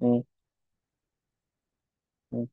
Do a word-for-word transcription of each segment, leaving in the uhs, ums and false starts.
مم. مم.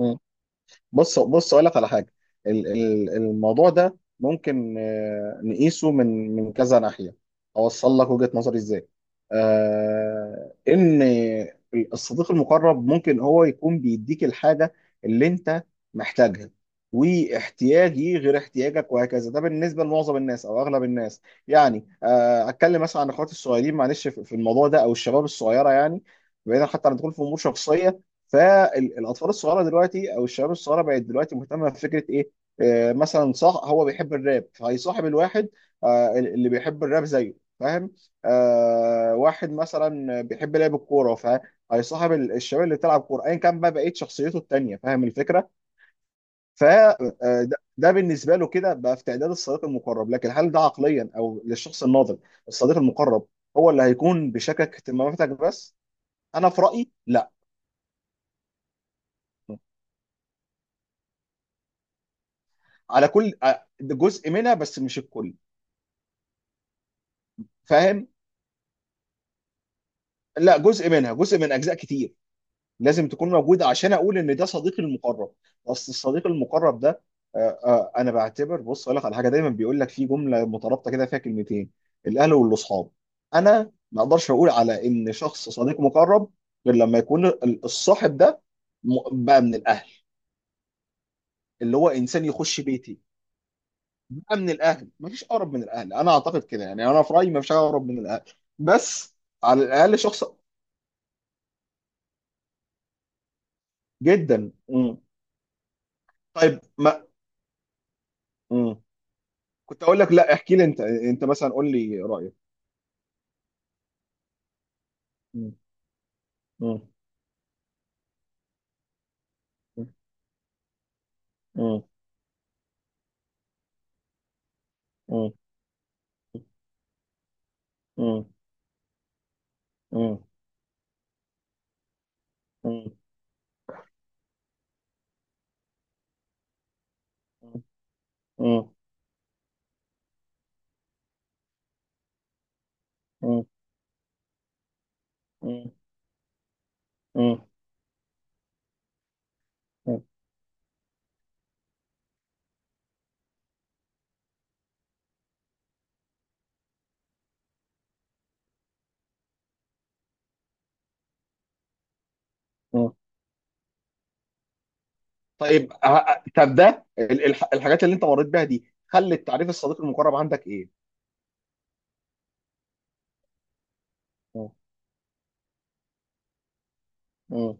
مم. بص بص، اقول لك على حاجه. ال- ال- الموضوع ده ممكن آه، نقيسه من من كذا ناحيه. اوصل لك وجهه نظري ازاي؟ آه، ان الصديق المقرب ممكن هو يكون بيديك الحاجه اللي انت محتاجها، واحتياجي غير احتياجك وهكذا، ده بالنسبه لمعظم الناس او اغلب الناس. يعني آه، اتكلم مثلا عن اخواتي الصغيرين، معلش، في في الموضوع ده، او الشباب الصغيره يعني. بعيدا حتى عن الدخول في امور شخصيه، فالاطفال الصغيره دلوقتي او الشباب الصغيره بقت دلوقتي مهتمه بفكره ايه؟ آه، مثلا صح، هو بيحب الراب فهيصاحب الواحد آه، اللي بيحب الراب زيه، فاهم؟ آه واحد مثلا بيحب لعب الكوره فهيصاحب ال- الشباب اللي بتلعب كوره، ايا كان بقى بقيه شخصيته التانيه، فاهم الفكره؟ فده، ده بالنسبه له كده بقى في تعداد الصديق المقرب. لكن هل ده عقليا او للشخص الناضج الصديق المقرب هو اللي هيكون بيشاركك اهتماماتك بس؟ انا في رايي لا. على كل آه، جزء منها بس، مش الكل. فاهم؟ لا، جزء منها، جزء من اجزاء كتير لازم تكون موجوده عشان اقول ان ده صديقي المقرب. اصل الصديق المقرب ده آه، آه، انا بعتبر، بص اقول لك على حاجه، دايما بيقول لك في جمله مترابطه كده فيها كلمتين: الاهل والاصحاب. انا ما اقدرش اقول على ان شخص صديق مقرب غير لما يكون ال- الصاحب ده م- بقى من الاهل، اللي هو انسان يخش بيتي. من الاهلي، مفيش اقرب من الاهلي، انا اعتقد كده يعني، انا في رايي مفيش اقرب من الاهلي. بس على الاقل شخص، جدا. مم. طيب، ما مم. كنت اقول لك لا، احكي لي انت انت مثلا قول لي رايك. مم. مم. مم. مم. مم. مم. مم. مم. مم. مم. مم. مم. طيب ه- طب ده ال- الح- الحاجات اللي انت مريت بيها دي خلت تعريف الصديق المقرب عندك ايه؟ مم. مم.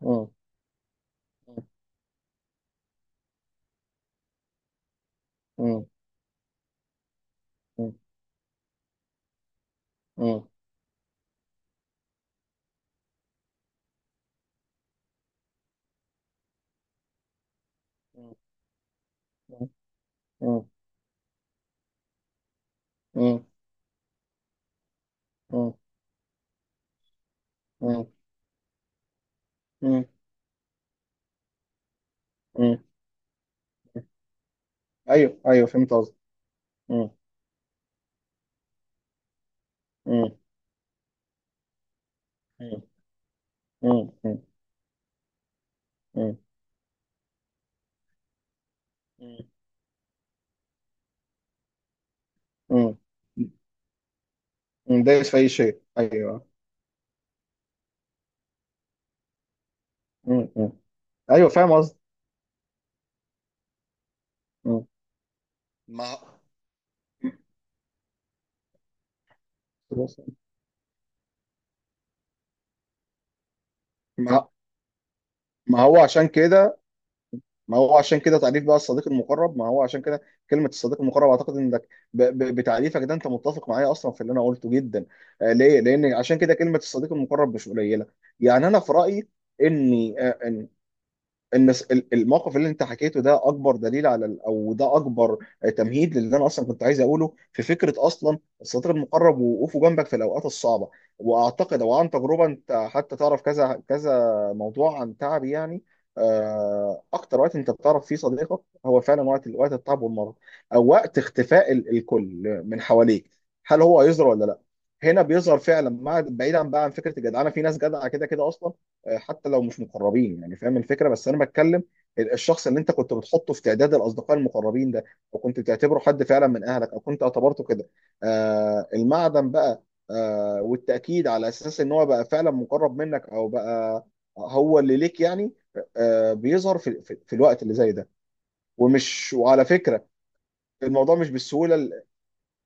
مم. مم. مم. مم. مم. مم. مم. مم. مم. مم. مم. ايوه، ايوه، فهمت قصدي. دايس في اي شيء، ايوه. مم. مم. ايوه فاهم قصدي. مم. ما ما ما هو عشان كده، ما هو عشان كده، تعريف بقى الصديق المقرب، ما هو عشان كده كلمة الصديق المقرب. أعتقد إنك ب- ب- بتعريفك ده أنت متفق معايا أصلا في اللي أنا قلته جدا. آه، ليه؟ لأن عشان كده كلمة الصديق المقرب مش قليلة. يعني أنا في رأيي إني النس... الموقف اللي انت حكيته ده اكبر دليل على ال- او ده اكبر تمهيد للي انا اصلا كنت عايز اقوله في فكره اصلا الصديق المقرب ووقوفه جنبك في الاوقات الصعبه. واعتقد او عن تجربه انت حتى تعرف، كذا كذا موضوع عن تعبي يعني. آه، اكتر وقت انت بتعرف فيه صديقك هو فعلا وقت وقت التعب والمرض، او وقت اختفاء ال... الكل من حواليك، هل هو هيظهر ولا لا. هنا بيظهر فعلا. مع، بعيدا بقى عن فكره الجدعنه، في ناس جدعه كده كده اصلا، آه، حتى لو مش مقربين يعني، فاهم الفكره؟ بس انا بتكلم ال- الشخص اللي انت كنت بتحطه في تعداد الاصدقاء المقربين ده، وكنت بتعتبره حد فعلا من اهلك او كنت اعتبرته كده. آه المعدن بقى، آه والتاكيد على اساس ان هو بقى فعلا مقرب منك، او بقى هو اللي ليك يعني، آه بيظهر في, في, في الوقت اللي زي ده. ومش، وعلى فكره الموضوع مش بالسهوله ال-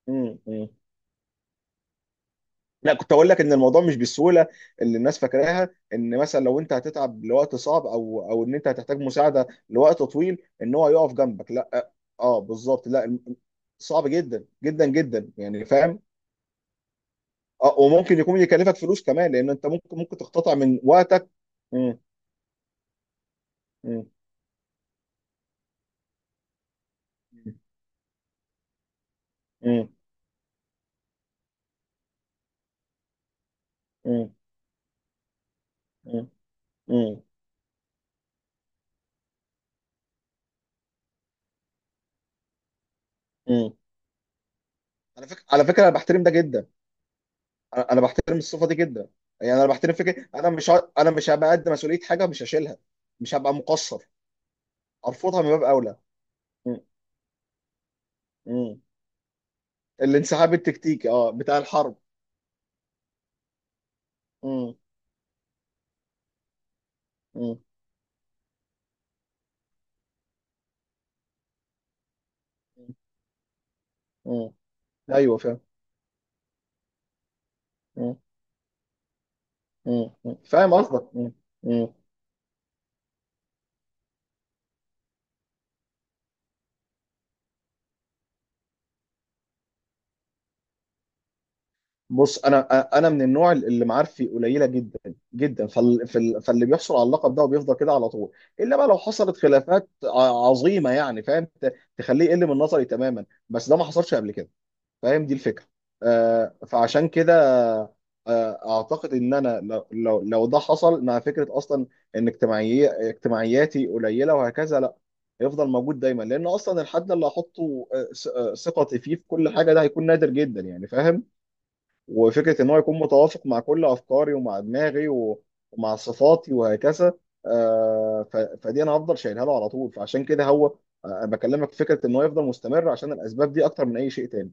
مم، مم. لا كنت اقول لك ان الموضوع مش بالسهوله اللي الناس فاكراها، ان مثلا لو انت هتتعب لوقت صعب، او او ان انت هتحتاج مساعده لوقت طويل، ان هو يقف جنبك، لا. اه بالظبط، لا الم- صعب جدا جدا جدا يعني، فاهم. اه، وممكن يكون يكلفك فلوس كمان، لان انت ممكن ممكن تقتطع من وقتك. مم. مم. مم. مم. مم. مم. مم. على فكره، على فكره، انا بحترم ده جدا. انا أنا بحترم الصفه دي جدا، يعني انا بحترم فكره انا مش ه- انا مش هبقى قد مسؤوليه حاجه مش هشيلها، مش هبقى مقصر. ارفضها من باب اولى. م- م. الانسحاب التكتيكي، اه، بتاع الحرب. م- م- م. ايوه فاهم. م- م- م. فاهم قصدك. م- م. بص، انا انا من النوع اللي معارفي قليله جدا جدا، فال- فال- فاللي بيحصل على اللقب ده وبيفضل كده على طول، الا بقى لو حصلت خلافات ع- عظيمه، يعني فاهم، ت- تخليه يقل من نظري تماما، بس ده ما حصلش قبل كده، فاهم دي الفكره. آه فعشان كده آه اعتقد ان انا لو لو لو ده حصل، مع فكره اصلا ان اجتماعي اجتماعياتي قليله وهكذا، لا، هيفضل موجود دايما. لان اصلا الحد اللي هحطه آه، ث- آه، ثقتي فيه في كل حاجه ده هيكون نادر جدا، يعني فاهم. وفكره ان هو يكون متوافق مع كل افكاري ومع دماغي و- ومع صفاتي وهكذا، آه ف- فدي انا هفضل شايلها له على طول. فعشان كده هو آه، بكلمك في فكره ان هو يفضل مستمر، عشان الاسباب دي اكتر من اي شيء تاني.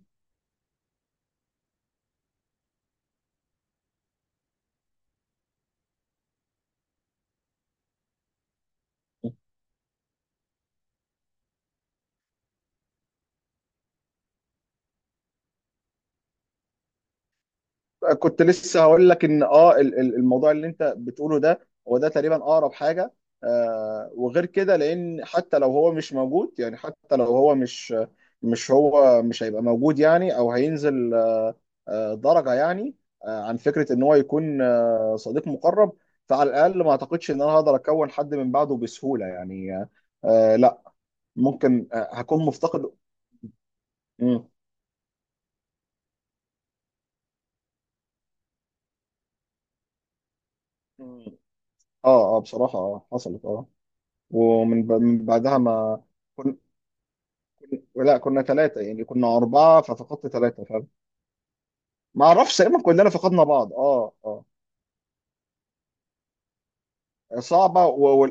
كنت لسه هقول لك ان اه ال- ال- الموضوع اللي انت بتقوله ده هو ده تقريبا اقرب حاجه. آه وغير كده، لان حتى لو هو مش موجود، يعني حتى لو هو مش، مش هو مش هيبقى موجود يعني، او هينزل آه درجه يعني، آه عن فكره ان هو يكون آه صديق مقرب. فعلى الاقل ما اعتقدش ان انا هقدر اكون حد من بعده بسهوله يعني، آه لا. ممكن آه هكون مفتقد. مم. مم. اه اه، بصراحه اه حصلت اه ومن ب- من بعدها ما... لا، كنا ثلاثة، يعني كنا أربعة ففقدت ثلاثة، فاهم. ما أعرفش، تقريبا كلنا فقدنا بعض. أه أه صعبة و... و...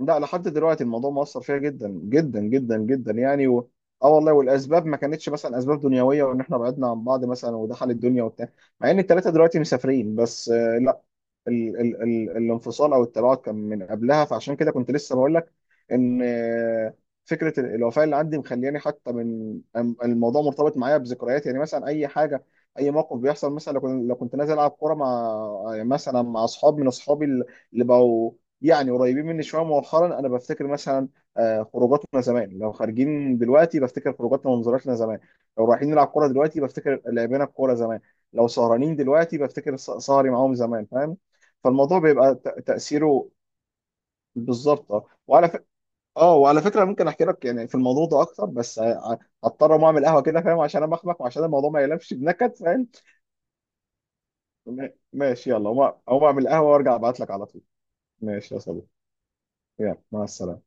لا، لحد دلوقتي الموضوع مؤثر فيها جدا جدا جدا جدا يعني، و... اه والله، والاسباب ما كانتش مثلا اسباب دنيويه وان احنا بعدنا عن بعض مثلا ودخل الدنيا وبتاع، مع ان الثلاثه دلوقتي مسافرين، بس آه، لا. ال ال ال الانفصال او التباعد كان من قبلها، فعشان كده كنت لسه بقول لك ان آه، فكره ال- الوفاه اللي عندي مخلياني حتى من أم- الموضوع مرتبط معايا بذكريات، يعني مثلا اي حاجه، اي موقف بيحصل، مثلا لو كنت لو كنت نازل العب كوره مع مثلا مع اصحاب من اصحابي اللي اللي بقوا يعني قريبين مني شويه مؤخرا، انا بفتكر مثلا آه، خروجاتنا زمان. لو خارجين دلوقتي بفتكر خروجاتنا ومنظراتنا زمان، لو رايحين نلعب كوره دلوقتي بفتكر لعبنا الكوره زمان، لو سهرانين دلوقتي بفتكر سهري معاهم زمان، فاهم. فالموضوع بيبقى ت- تأثيره بالظبط. اه، وعلى ف... اه وعلى فكره، ممكن احكي لك يعني في الموضوع ده اكتر، بس ه- هضطر اقوم اعمل قهوه كده، فاهم؟ عشان امخمخ، وعشان الموضوع ما يلفش بنكد، فاهم؟ ما- ماشي يلا اقوم، أقوم اعمل قهوه وارجع ابعت لك على طول. ماشي يا صديقي، يلا مع السلامه.